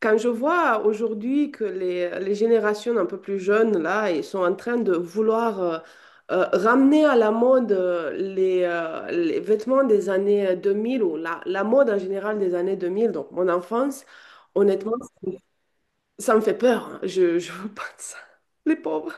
Quand je vois aujourd'hui que les générations un peu plus jeunes, là, ils sont en train de vouloir ramener à la mode les vêtements des années 2000 ou la mode en général des années 2000, donc mon enfance, honnêtement, ça me fait peur, hein. Je veux pas de ça. Les pauvres.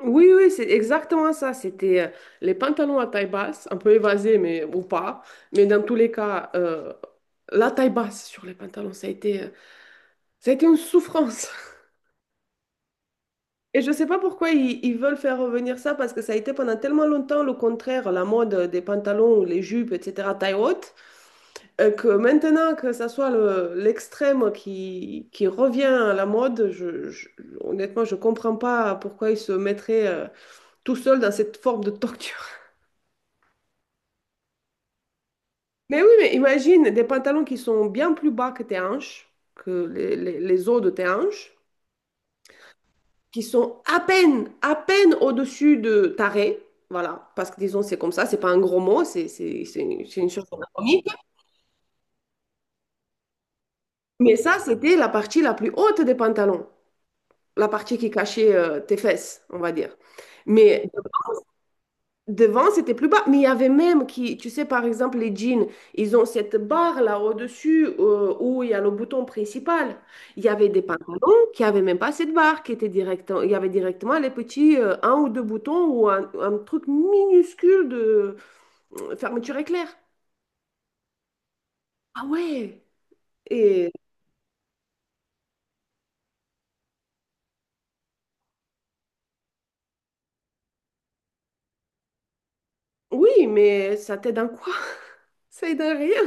Oui, oui, c'est exactement ça. C'était les pantalons à taille basse, un peu évasés, mais ou pas. Mais dans tous les cas, la taille basse sur les pantalons, ça a été une souffrance. Et je sais pas pourquoi ils veulent faire revenir ça, parce que ça a été pendant tellement longtemps le contraire, la mode des pantalons, les jupes, etc., taille haute, que maintenant que ça soit l'extrême qui revient à la mode, honnêtement, je comprends pas pourquoi ils se mettraient tout seuls dans cette forme de torture. Mais oui, mais imagine des pantalons qui sont bien plus bas que tes hanches, que les os de tes hanches, qui sont à peine au-dessus de taré. Voilà, parce que disons, c'est comme ça, c'est pas un gros mot, c'est une chose anatomique. Mais ça, c'était la partie la plus haute des pantalons, la partie qui cachait tes fesses, on va dire. Mais devant, c'était plus bas, mais il y avait même qui, tu sais, par exemple, les jeans, ils ont cette barre là au-dessus où il y a le bouton principal. Il y avait des pantalons qui avaient même pas cette barre, qui était direct, il y avait directement les petits un ou deux boutons ou un truc minuscule de fermeture éclair. Ah ouais! Et oui, mais ça t'aide en quoi? Ça aide en rien.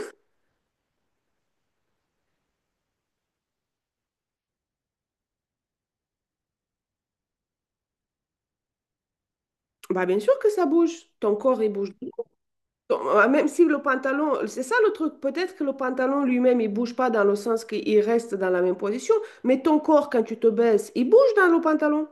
Bah bien sûr que ça bouge. Ton corps, il bouge. Donc, même si le pantalon, c'est ça le truc, peut-être que le pantalon lui-même, il bouge pas dans le sens qu'il reste dans la même position, mais ton corps, quand tu te baisses, il bouge dans le pantalon.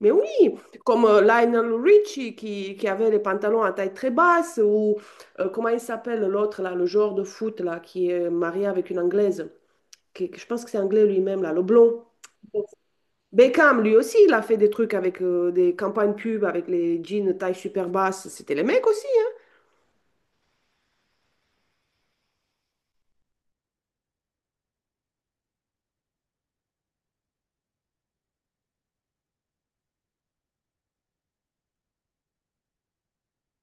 Mais oui, comme Lionel Richie qui avait les pantalons à taille très basse, ou comment il s'appelle l'autre, là, le joueur de foot là, qui est marié avec une Anglaise, je pense que c'est anglais lui-même, là, le blond. Beckham, lui aussi, il a fait des trucs avec des campagnes pub, avec les jeans taille super basse. C'était les mecs aussi, hein.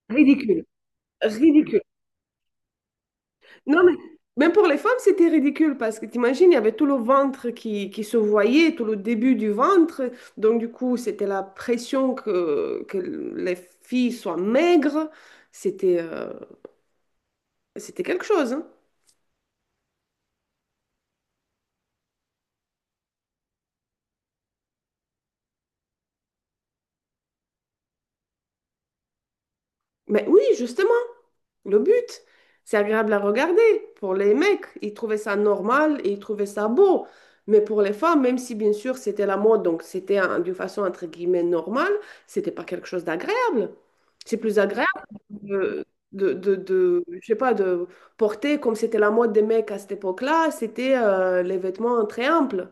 Ridicule. Ridicule. Non, mais même pour les femmes, c'était ridicule parce que t'imagines, il y avait tout le ventre qui se voyait, tout le début du ventre. Donc, du coup, c'était la pression que les filles soient maigres. C'était euh, c'était quelque chose, hein. Mais oui, justement, le but, c'est agréable à regarder. Pour les mecs, ils trouvaient ça normal et ils trouvaient ça beau. Mais pour les femmes, même si bien sûr c'était la mode, donc c'était d'une façon entre guillemets normale, c'était pas quelque chose d'agréable. C'est plus agréable de, je sais pas, de porter comme c'était la mode des mecs à cette époque-là, c'était les vêtements très amples.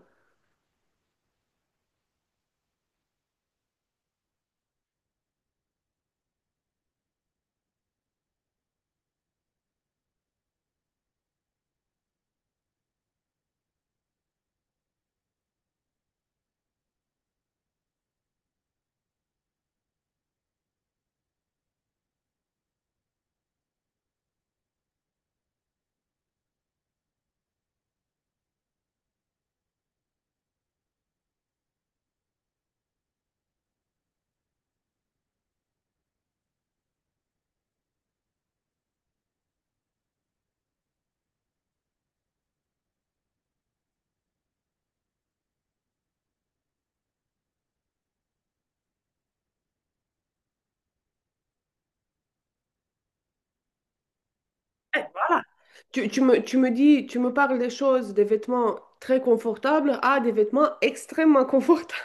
Eh, voilà. Tu me parles des choses, des vêtements très confortables à des vêtements extrêmement confortables.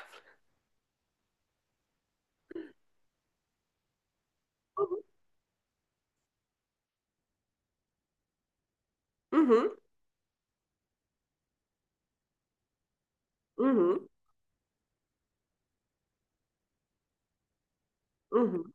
Mhm, mhm. Mhm.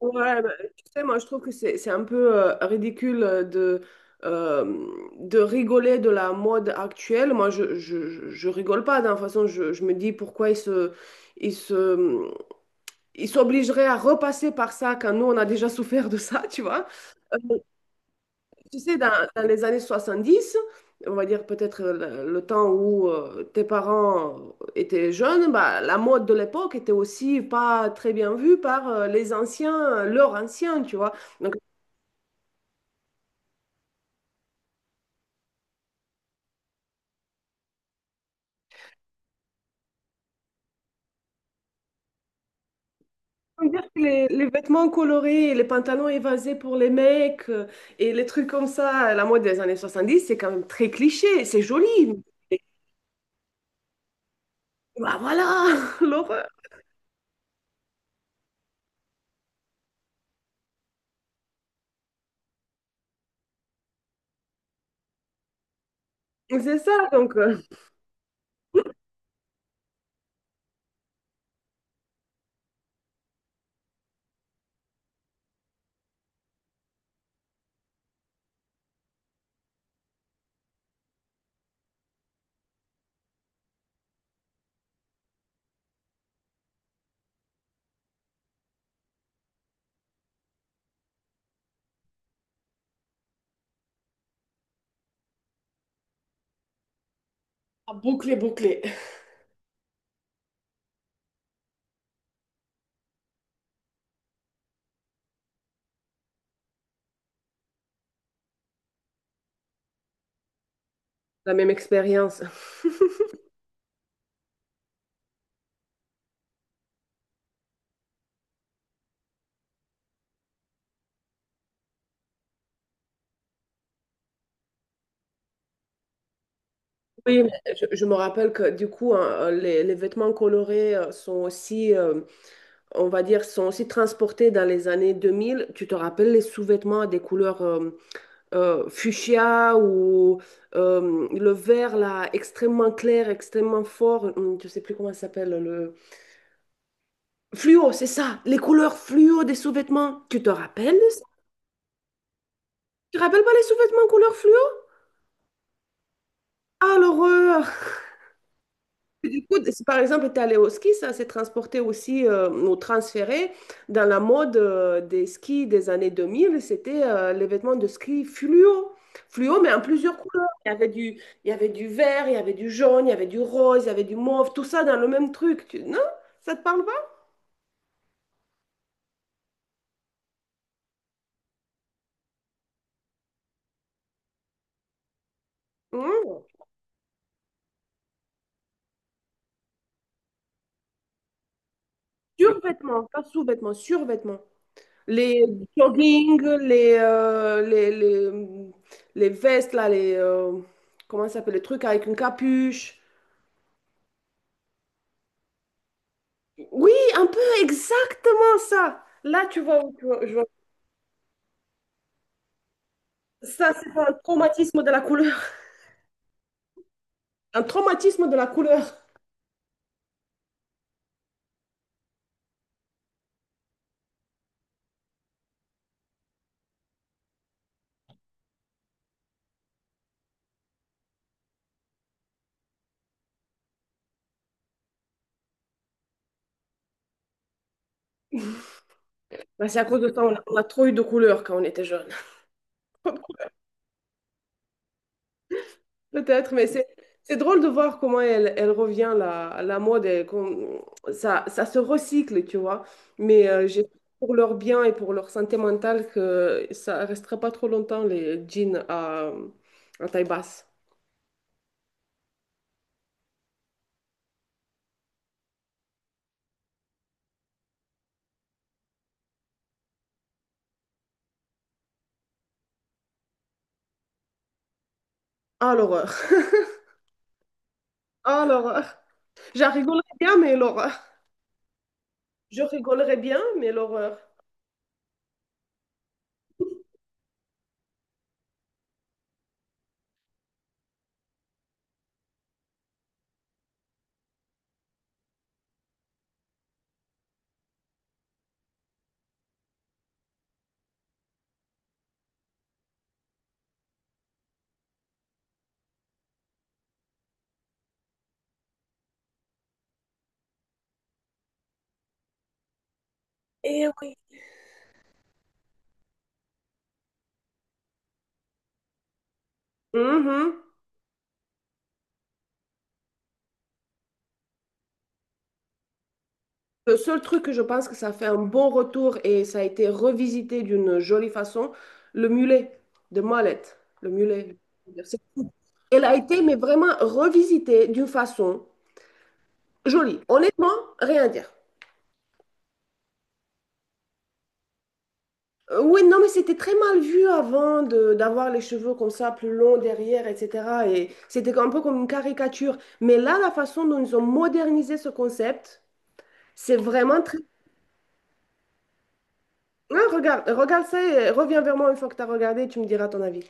Ouais, bah, tu sais, moi je trouve que c'est un peu ridicule euh, de rigoler de la mode actuelle. Moi je rigole pas, d'une façon, je me dis pourquoi ils se, ils s'obligeraient à repasser par ça quand nous on a déjà souffert de ça, tu vois. Euh, Tu sais, dans les années 70, on va dire peut-être le temps où tes parents étaient jeunes, bah, la mode de l'époque était aussi pas très bien vue par les anciens, leurs anciens, tu vois. Donc, on peut dire que les vêtements colorés, les pantalons évasés pour les mecs et les trucs comme ça, la mode des années 70, c'est quand même très cliché, c'est joli. mais- Bah voilà, l'horreur. C'est ça, donc ah, bouclé, bouclé. La même expérience. Oui, mais je me rappelle que du coup, hein, les vêtements colorés sont aussi, on va dire, sont aussi transportés dans les années 2000. Tu te rappelles les sous-vêtements à des couleurs fuchsia ou le vert là, extrêmement clair, extrêmement fort. Je sais plus comment ça s'appelle le fluo, c'est ça, les couleurs fluo des sous-vêtements. Tu te rappelles de ça? Tu te rappelles pas les sous-vêtements couleur fluo? Ah, l'horreur! Et du coup, si par exemple, tu allé au ski, ça s'est transporté aussi ou transféré dans la mode des skis des années 2000. C'était les vêtements de ski fluo. Fluo, mais en plusieurs couleurs. Il y avait du vert, il y avait du jaune, il y avait du rose, il y avait du mauve, tout ça dans le même truc. Non? Ça te parle pas? Non. Survêtements, pas sous-vêtements, survêtements. Les jogging, les vestes, là, comment ça s'appelle, les trucs avec une capuche. Oui, un peu exactement ça. Là, tu vois, je vois. Ça, c'est pas un traumatisme de la couleur. Un traumatisme de la couleur. Bah, c'est à cause de ça, on a trop eu de couleurs quand on était jeune. Peut-être, mais c'est drôle de voir comment elle revient, la mode, et ça se recycle, tu vois. Mais j'ai pour leur bien et pour leur santé mentale que ça restera pas trop longtemps, les jeans à taille basse. Ah, l'horreur. Ah, l'horreur. J'en rigolais bien, mais l'horreur. Je rigolerais bien, mais l'horreur. Eh oui. Mhm. Le seul truc que je pense que ça fait un bon retour et ça a été revisité d'une jolie façon, le mulet de Mollett. Le mulet. C'est tout. Elle a été, mais vraiment revisitée d'une façon jolie. Honnêtement, rien à dire. Oui, non, mais c'était très mal vu avant d'avoir les cheveux comme ça, plus longs derrière, etc. Et c'était un peu comme une caricature. Mais là, la façon dont ils ont modernisé ce concept, c'est vraiment très. Ouais, regarde, regarde ça et reviens vers moi une fois que tu as regardé, tu me diras ton avis.